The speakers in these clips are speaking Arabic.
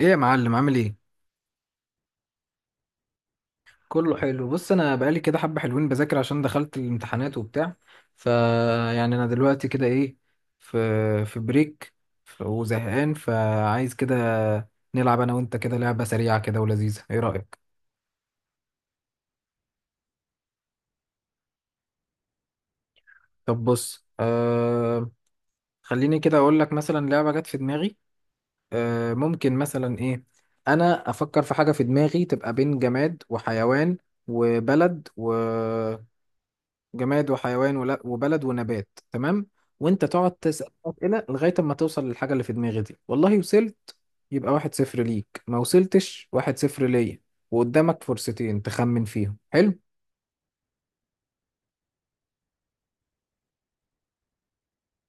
ايه يا معلم، عامل ايه؟ كله حلو. بص انا بقالي كده حبه حلوين بذاكر عشان دخلت الامتحانات وبتاع. ف يعني انا دلوقتي كده ايه، في في بريك وزهقان، فعايز كده نلعب انا وانت كده لعبه سريعه كده ولذيذه. ايه رايك؟ طب بص، آه، خليني كده اقول لك مثلا لعبه جت في دماغي. آه، ممكن مثلا ايه، انا افكر في حاجه في دماغي تبقى بين جماد وحيوان وبلد. جماد وحيوان وبلد ونبات، تمام؟ وانت تقعد تسأل أسئلة لغاية اما توصل للحاجة اللي في دماغي دي. والله وصلت يبقى واحد صفر ليك، ما وصلتش واحد صفر ليا. وقدامك فرصتين تخمن فيهم. حلو.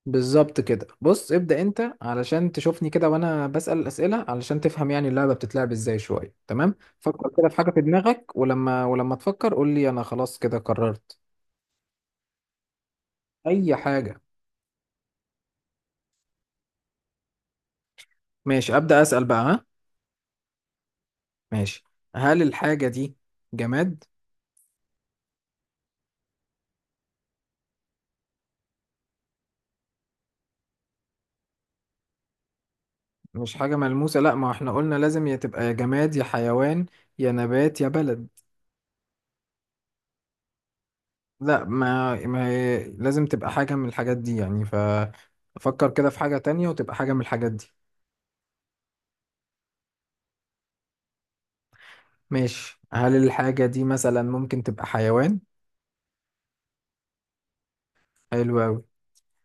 بالظبط كده. بص ابدأ انت علشان تشوفني كده وانا بسأل الأسئلة، علشان تفهم يعني اللعبة بتتلعب ازاي شوية. تمام؟ فكر كده في حاجة في دماغك، ولما تفكر قول لي انا خلاص كده قررت. اي حاجة. ماشي، أبدأ أسأل بقى. ها؟ ماشي. هل الحاجة دي جماد؟ مش حاجة ملموسة؟ لا، ما احنا قلنا لازم يا تبقى يا جماد يا حيوان يا نبات يا بلد. لا، ما هي لازم تبقى حاجة من الحاجات دي يعني. ففكر كده في حاجة تانية وتبقى حاجة من الحاجات دي. ماشي. هل الحاجة دي مثلا ممكن تبقى حيوان؟ حلو أوي.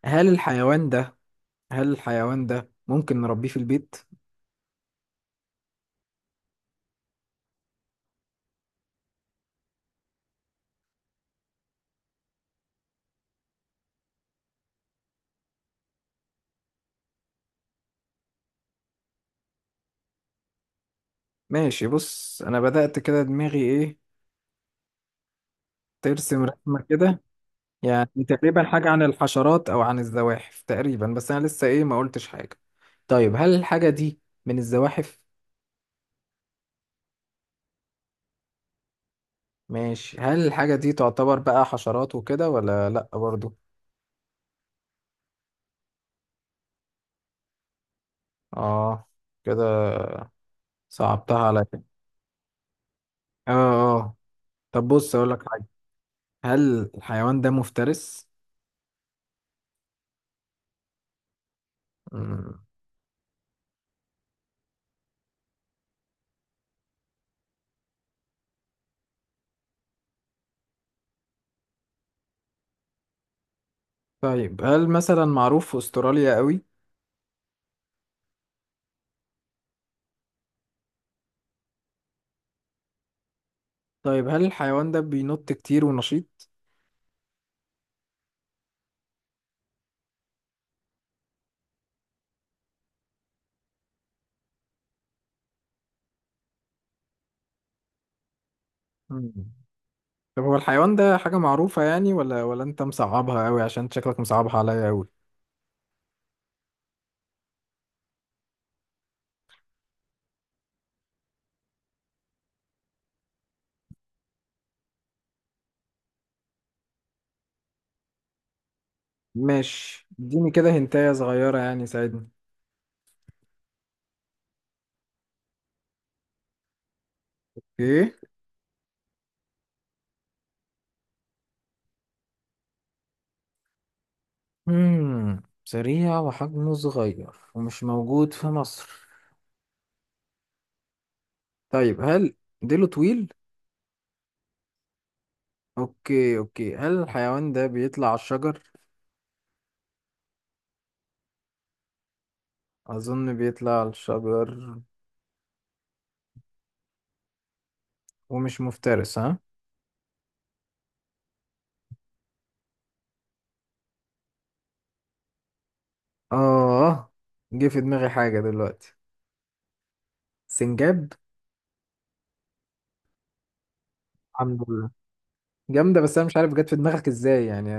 هل الحيوان ده، هل الحيوان ده ممكن نربيه في البيت؟ ماشي. بص أنا بدأت كده دماغي إيه، ترسم رسمة كده. يعني تقريبا حاجة عن الحشرات أو عن الزواحف تقريبا، بس أنا لسه إيه ما قلتش حاجة. طيب هل الحاجة دي من الزواحف؟ ماشي. هل الحاجة دي تعتبر بقى حشرات وكده ولا لأ برضو؟ آه، كده صعبتها عليا. آه آه. طب بص أقول لك حاجة. هل الحيوان ده مفترس؟ مم. طيب هل مثلا معروف في أستراليا قوي؟ طيب هل الحيوان ده بينط كتير ونشيط؟ مم. طب هو الحيوان ده حاجة معروفة يعني، ولا انت مصعبها قوي؟ عشان شكلك مصعبها عليا قوي. ماشي، اديني كده هنتاية صغيرة يعني ساعدني. ايه؟ مم. سريع وحجمه صغير ومش موجود في مصر. طيب هل، ديله طويل؟ اوكي اوكي. هل الحيوان ده بيطلع على الشجر؟ اظن بيطلع على الشجر. ومش مفترس؟ ها؟ اه، جه في دماغي حاجة دلوقتي. سنجاب. الحمد لله. جامدة، بس أنا مش عارف جت في دماغك إزاي يعني.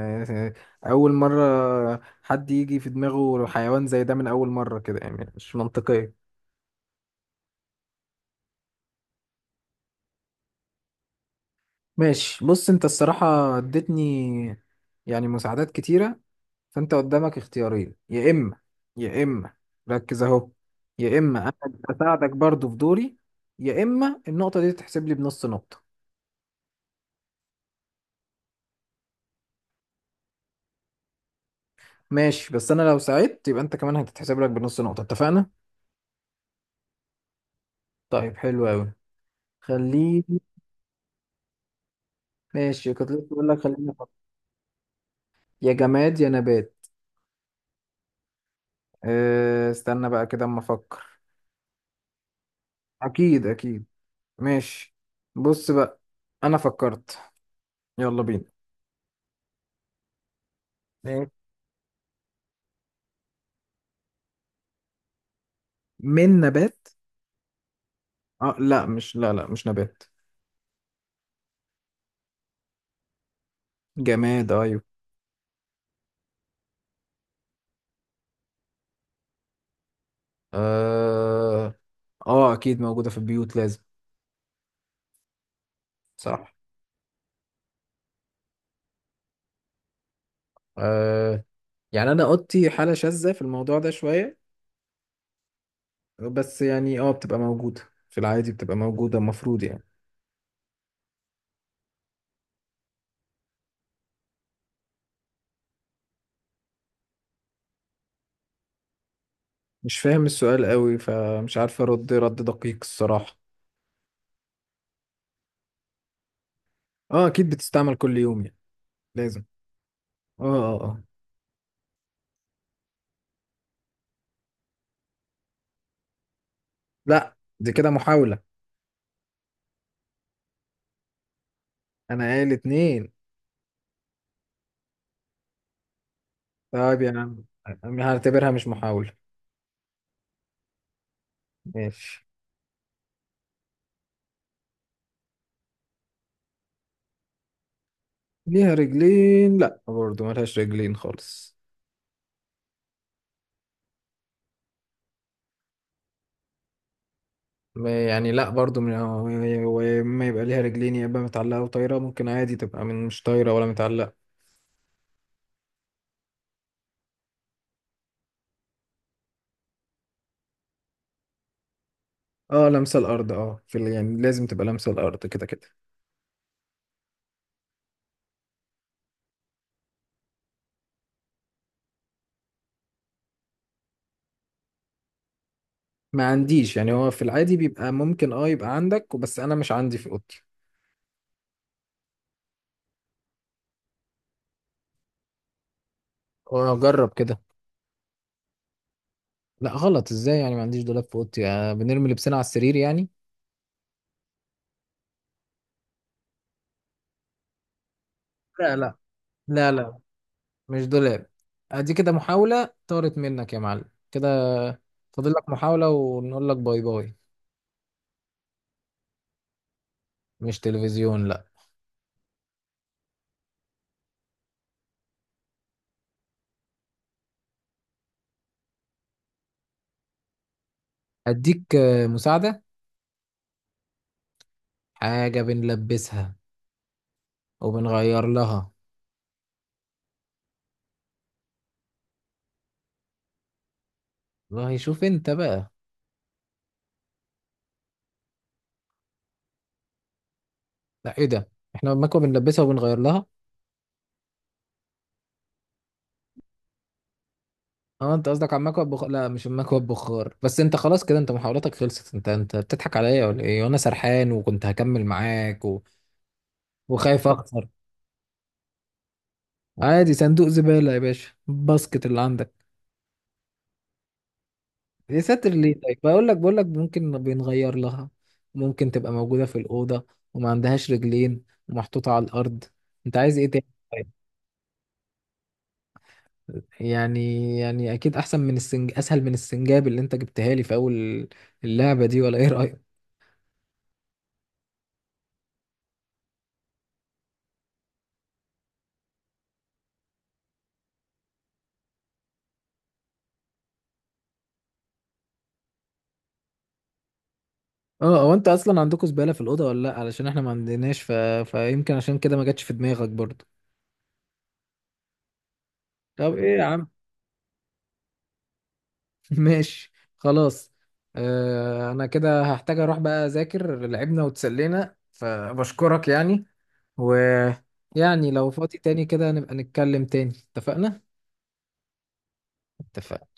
أول مرة حد يجي في دماغه حيوان زي ده من أول مرة كده، يعني مش منطقية. ماشي. بص أنت الصراحة اديتني يعني مساعدات كتيرة. فأنت قدامك اختيارين، يا إما، يا إما، ركز أهو، يا إما أنا أساعدك برضو في دوري، يا إما النقطة دي تتحسب لي بنص نقطة. ماشي، بس أنا لو ساعدت يبقى أنت كمان هتتحسب لك بنص نقطة، اتفقنا؟ طيب حلو أوي. خليني. ماشي، كنت لسه بقول لك خليني أفكر. يا جماد يا نبات. أه، استنى بقى كده اما افكر. اكيد اكيد. ماشي. بص بقى، انا فكرت، يلا بينا. ماشي. من نبات؟ اه لا، مش لا لا مش نبات. جماد، ايوه. اه، اه اكيد موجودة في البيوت، لازم. صح. آه، يعني انا اوضتي حالة شاذة في الموضوع ده شوية، بس يعني اه بتبقى موجودة. في العادي بتبقى موجودة المفروض يعني. مش فاهم السؤال قوي، فمش عارف ارد رد دقيق الصراحة. اه اكيد بتستعمل كل يوم يعني، لازم. اه اه اه. لا، دي كده محاولة. انا قايل اتنين. طيب يا عم، أنا هعتبرها مش محاولة. ماشي. ليها رجلين؟ لا برضو، ملهاش رجلين خالص. ما- يعني لا برضو، وما يبقى ليها رجلين يا اما متعلقة وطايرة، ممكن عادي تبقى من مش طايرة ولا متعلقة. اه، لامسة الارض، اه، في يعني لازم تبقى لامسة الارض كده كده. ما عنديش يعني، هو في العادي بيبقى ممكن اه يبقى عندك، بس انا مش عندي في اوضتي. واجرب كده. لا غلط، ازاي يعني؟ ما عنديش دولاب في اوضتي، آه، بنرمي لبسنا على السرير يعني. لا، لا مش دولاب. ادي كده محاولة طارت منك يا معلم كده. فاضل لك محاولة ونقول لك باي باي. مش تلفزيون، لا. اديك آه، مساعدة. حاجة بنلبسها وبنغير لها. والله شوف انت بقى. لا، ايه ده، احنا المكوة بنلبسها وبنغير لها؟ اه انت قصدك على المكوى بخ-، لا مش المكوى بخار. بس انت خلاص كده، انت محاولاتك خلصت. انت بتضحك عليا ولا ايه؟ وانا سرحان وكنت هكمل معاك وخايف اخسر. عادي، صندوق زبالة يا باشا، باسكت اللي عندك. يا ساتر ليه؟ طيب بقول لك، ممكن بنغير لها، ممكن تبقى موجودة في الأوضة وما عندهاش رجلين ومحطوطة على الأرض. انت عايز ايه تاني؟ طيب، يعني، يعني اكيد احسن من السنج، اسهل من السنجاب اللي انت جبتها لي في اول اللعبة دي، ولا ايه رأيك؟ اه، هو انت اصلا عندكم زبالة في الأوضة ولا لا؟ علشان احنا ما عندناش، ف-، فيمكن عشان كده ما جاتش في دماغك برضه. طب ايه يا عم. ماشي. خلاص. آه انا كده هحتاج اروح بقى اذاكر، لعبنا وتسلينا فبشكرك يعني. ويعني لو فاضي تاني كده نبقى نتكلم تاني، اتفقنا؟ اتفقنا.